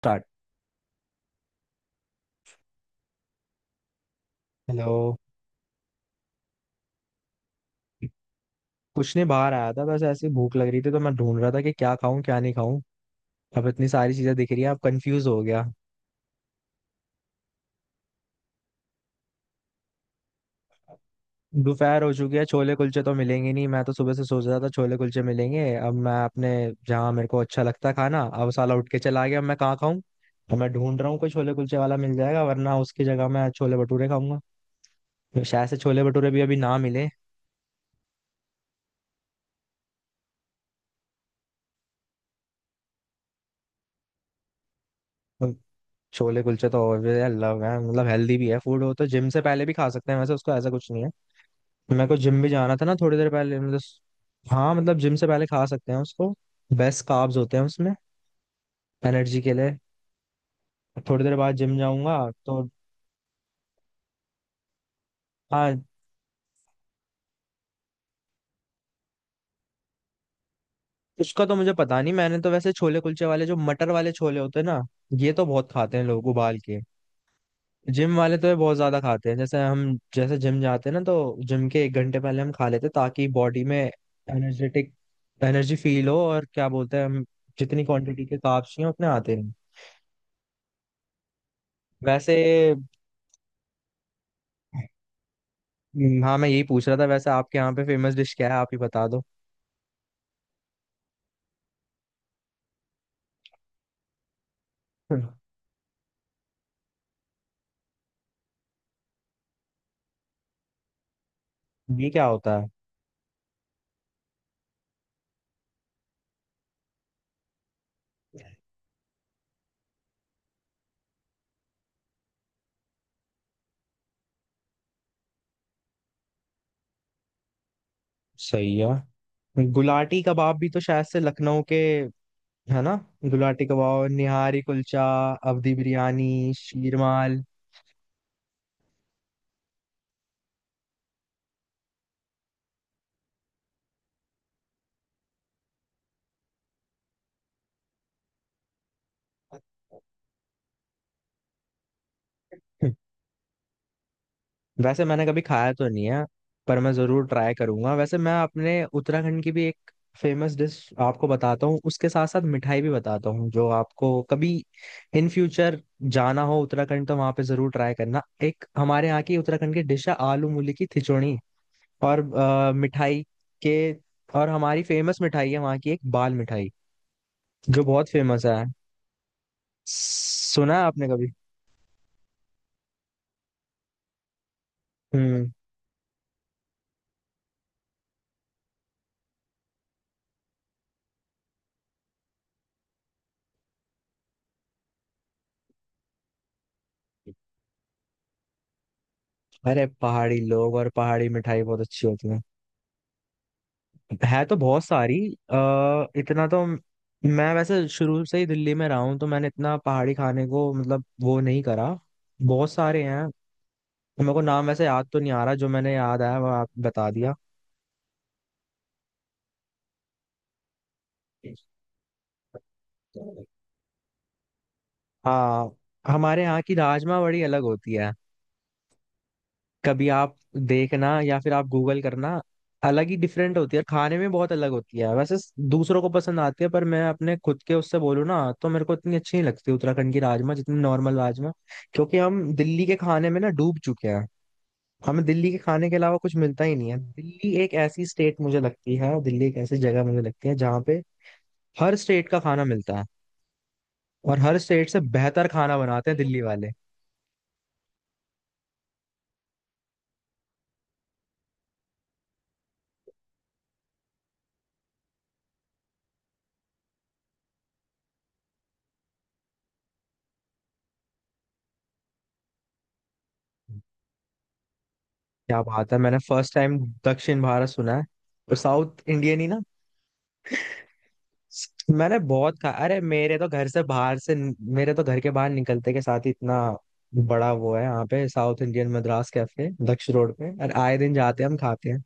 Start. Hello. कुछ नहीं, बाहर आया था, बस ऐसे ही भूख लग रही थी तो मैं ढूंढ रहा था कि क्या खाऊं क्या नहीं खाऊं। अब इतनी सारी चीजें दिख रही हैं, अब कंफ्यूज हो गया। दोपहर हो चुकी है, छोले कुलचे तो मिलेंगे नहीं, मैं तो सुबह से सोच रहा था छोले कुलचे मिलेंगे। अब मैं अपने जहाँ मेरे को अच्छा लगता है खाना, अब साला उठ के चला गया, अब मैं कहाँ खाऊं। तो मैं ढूंढ रहा हूँ कोई छोले कुलचे वाला मिल जाएगा, वरना उसकी जगह मैं छोले भटूरे खाऊंगा। तो शायद से छोले भटूरे भी अभी ना मिले। तो छोले कुलचे तो लव है, मतलब हेल्दी भी है, फूड हो तो जिम से पहले भी खा सकते हैं, वैसे उसको ऐसा कुछ नहीं है। मेरे को जिम भी जाना था ना थोड़ी देर पहले, मतलब हाँ, मतलब जिम से पहले खा सकते हैं उसको। बेस्ट कार्ब्स होते हैं उसमें, एनर्जी के लिए। थोड़ी देर बाद जिम जाऊंगा। तो हाँ, उसका तो मुझे पता नहीं, मैंने तो वैसे छोले कुलचे वाले जो मटर वाले छोले होते हैं ना, ये तो बहुत खाते हैं लोग उबाल के। जिम वाले तो ये बहुत ज्यादा खाते हैं, जैसे हम जैसे जिम जाते हैं ना, तो जिम के एक घंटे पहले हम खा लेते हैं ताकि बॉडी में एनर्जेटिक एनर्जी फील हो, और क्या बोलते हैं हम, जितनी क्वांटिटी के कार्ब्स चाहिए उतने आते हैं वैसे। हाँ मैं यही पूछ रहा था, वैसे आपके यहाँ पे फेमस डिश क्या है, आप ही बता दो। हम्म, ये क्या होता है। सही है, गुलाटी कबाब भी तो शायद से लखनऊ के है ना। गुलाटी कबाब, निहारी कुलचा, अवधी बिरयानी, शीरमाल। वैसे मैंने कभी खाया तो नहीं है, पर मैं जरूर ट्राई करूंगा। वैसे मैं अपने उत्तराखंड की भी एक फेमस डिश आपको बताता हूँ, उसके साथ साथ मिठाई भी बताता हूँ, जो आपको कभी इन फ्यूचर जाना हो उत्तराखंड तो वहां पे जरूर ट्राई करना। एक हमारे यहाँ की उत्तराखंड की डिश है आलू मूली की खिचड़ी, और मिठाई के, और हमारी फेमस मिठाई है वहाँ की एक बाल मिठाई, जो बहुत फेमस है। सुना है आपने कभी। हम्म। अरे पहाड़ी लोग और पहाड़ी मिठाई बहुत अच्छी होती है। है तो बहुत सारी। इतना तो मैं वैसे शुरू से ही दिल्ली में रहा हूँ, तो मैंने इतना पहाड़ी खाने को मतलब वो नहीं करा। बहुत सारे हैं, मेरे को नाम वैसे याद तो नहीं आ रहा, जो मैंने याद आया वो आप बता दिया। हाँ, हमारे यहाँ की राजमा बड़ी अलग होती है। कभी आप देखना, या फिर आप गूगल करना। अलग ही डिफरेंट होती है खाने में, बहुत अलग होती है वैसे। दूसरों को पसंद आती है पर मैं अपने खुद के उससे बोलूँ ना, तो मेरे को इतनी अच्छी नहीं लगती उत्तराखंड की राजमा जितनी नॉर्मल राजमा। क्योंकि हम दिल्ली के खाने में ना डूब चुके हैं। हमें दिल्ली के खाने के अलावा कुछ मिलता ही नहीं है। दिल्ली एक ऐसी स्टेट मुझे लगती है, दिल्ली एक ऐसी जगह मुझे लगती है, जहाँ पे हर स्टेट का खाना मिलता है, और हर स्टेट से बेहतर खाना बनाते हैं दिल्ली वाले। क्या बात है, मैंने फर्स्ट टाइम दक्षिण भारत सुना है, और साउथ इंडियन ही ना। मैंने बहुत खा, अरे मेरे तो घर से बाहर से, मेरे तो घर के बाहर निकलते के साथ ही इतना बड़ा वो है, यहाँ पे south Indian Madras cafe Daksh road पे, और आए दिन जाते हैं हम, खाते हैं।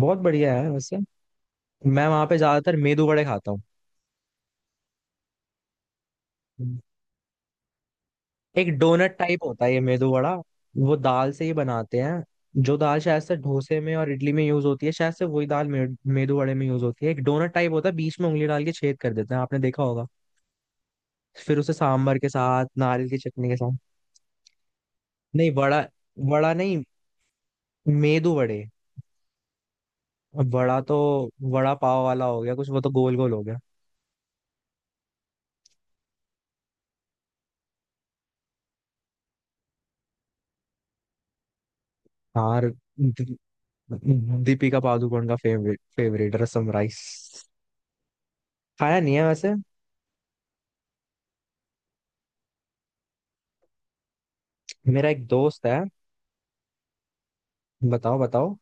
बहुत बढ़िया है वैसे। मैं वहां पे ज्यादातर मेदू वड़े खाता हूँ। एक डोनट टाइप होता है ये मेदू वड़ा, वो दाल से ही बनाते हैं। जो दाल शायद से डोसे में और इडली में यूज होती है, शायद से वही दाल मेदू वड़े में यूज होती है। एक डोनट टाइप होता है, बीच में उंगली डाल के छेद कर देते हैं, आपने देखा होगा। फिर उसे सांभर के साथ, नारियल की चटनी के साथ। नहीं वड़ा, वड़ा नहीं, मेदू वड़े। अब वड़ा तो वड़ा पाव वाला हो गया कुछ, वो तो गोल गोल हो गया। हाँ। और दी- दीपिका पादुकोण का फेवरेट फेवरेट रसम राइस। खाया नहीं है वैसे। मेरा एक दोस्त है। बताओ बताओ।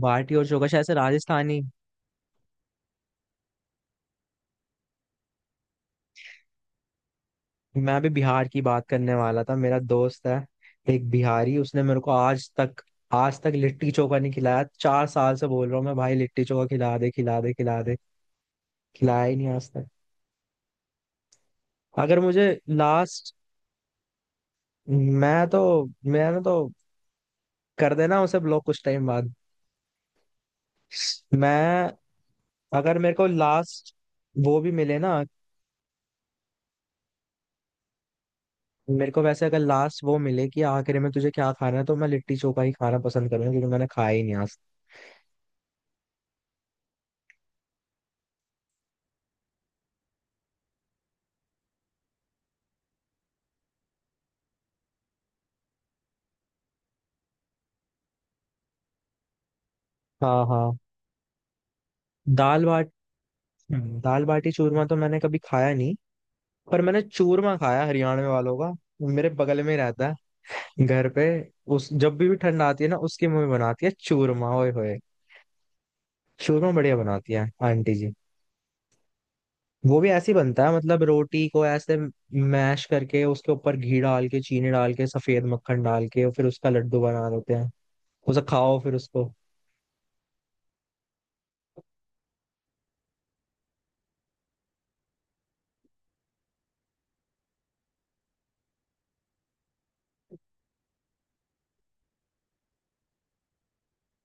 बाटी और चोखा शायद से राजस्थानी। मैं अभी बिहार की बात करने वाला था, मेरा दोस्त है एक बिहारी, उसने मेरे को आज तक लिट्टी चोखा नहीं खिलाया। चार साल से बोल रहा हूँ मैं, भाई लिट्टी चोखा खिला दे खिला दे खिला दे, खिलाया ही नहीं आज तक। अगर मुझे लास्ट, मैं तो, मैंने तो, कर देना उसे ब्लॉक कुछ टाइम बाद। मैं, अगर मेरे को लास्ट वो भी मिले ना, मेरे को वैसे अगर लास्ट वो मिले कि आखिर में तुझे क्या खाना है, तो मैं लिट्टी चोखा ही खाना पसंद करूंगा, क्योंकि मैंने खाया ही नहीं आज तक। हाँ हाँ, दाल बाट, दाल बाटी चूरमा तो मैंने कभी खाया नहीं। पर मैंने चूरमा खाया हरियाणा वालों का, मेरे बगल में ही रहता है घर पे। उस जब भी ठंड आती है ना, उसकी मम्मी बनाती है चूरमा, ओए होए। चूरमा बढ़िया बनाती है आंटी जी। वो भी ऐसे ही बनता है, मतलब रोटी को ऐसे मैश करके उसके ऊपर घी डाल के, चीनी डाल के, सफेद मक्खन डाल के, और फिर उसका लड्डू बना देते हैं। उसे खाओ, फिर उसको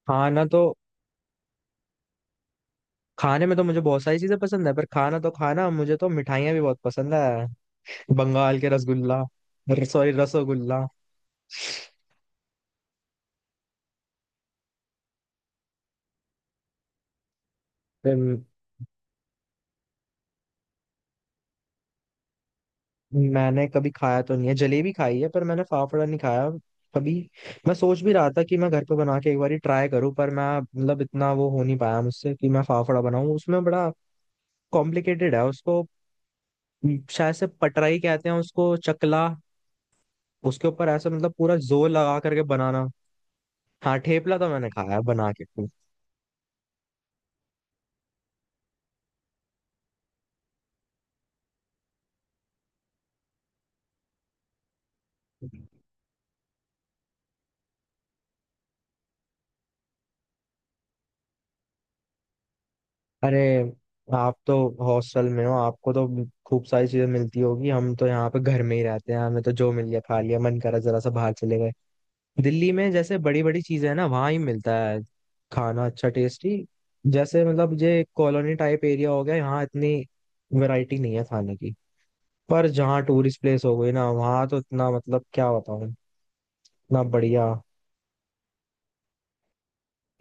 खाना तो, खाने में तो मुझे बहुत सारी चीजें पसंद है, पर खाना तो खाना, मुझे तो मिठाइयाँ भी बहुत पसंद है। बंगाल के रसगुल्ला, सॉरी रसोगुल्ला। मैंने कभी खाया तो नहीं है, जलेबी खाई है पर मैंने फाफड़ा नहीं खाया कभी। मैं सोच भी रहा था कि मैं घर पे बना के एक बार ट्राई करूं, पर मैं मतलब इतना वो हो नहीं पाया मुझसे कि मैं फाफड़ा बनाऊं, उसमें बड़ा कॉम्प्लिकेटेड है उसको। शायद से पटराई कहते हैं उसको, चकला, उसके ऊपर ऐसे मतलब पूरा जोर लगा करके बनाना। हाँ ठेपला तो मैंने खाया है बना के। अरे आप तो हॉस्टल में हो, आपको तो खूब सारी चीजें मिलती होगी। हम तो यहाँ पे घर में ही रहते हैं, हमें तो जो मिल गया खा लिया, मन करा जरा सा बाहर चले गए। दिल्ली में जैसे बड़ी बड़ी चीजें हैं ना, वहाँ ही मिलता है खाना अच्छा टेस्टी। जैसे मतलब ये कॉलोनी टाइप एरिया हो गया, यहाँ इतनी वैरायटी नहीं है खाने की। पर जहाँ टूरिस्ट प्लेस हो गई ना, वहाँ तो इतना मतलब क्या बताऊँ, इतना बढ़िया।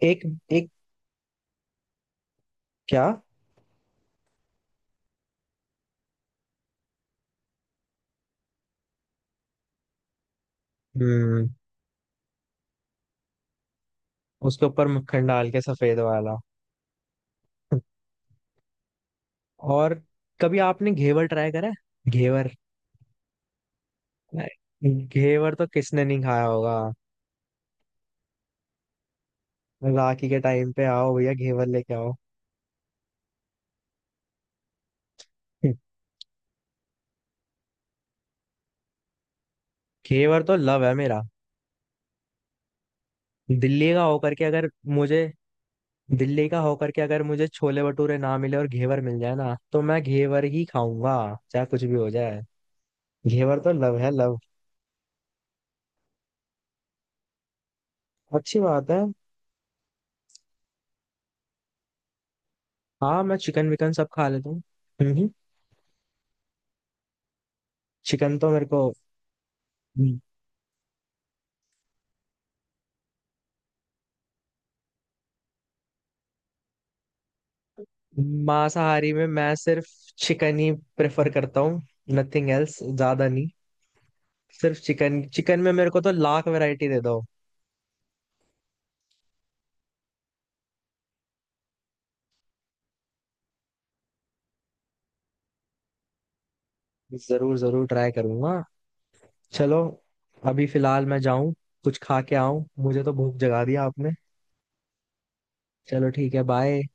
एक एक क्या। हम्म। उसके ऊपर मक्खन डाल के सफेद वाला, और कभी आपने घेवर ट्राई करा है? घेवर। घेवर तो किसने नहीं खाया होगा। राखी के टाइम पे आओ भैया घेवर लेके आओ। घेवर तो लव है मेरा। दिल्ली का होकर के अगर मुझे, दिल्ली का होकर के अगर मुझे छोले भटूरे ना मिले और घेवर मिल जाए ना, तो मैं घेवर ही खाऊंगा चाहे कुछ भी हो जाए। घेवर तो लव है, लव। अच्छी बात है। हाँ मैं चिकन विकन सब खा लेता हूँ। हम्म हम्म। चिकन तो मेरे को, हम्म, मांसाहारी में मैं सिर्फ चिकन ही प्रेफर करता हूँ, नथिंग एल्स ज्यादा नहीं। सिर्फ चिकन, चिकन में मेरे को तो लाख वैरायटी दे दो। जरूर जरूर ट्राई करूंगा। चलो अभी फिलहाल मैं जाऊं, कुछ खा के आऊं, मुझे तो भूख जगा दिया आपने। चलो ठीक है, बाय।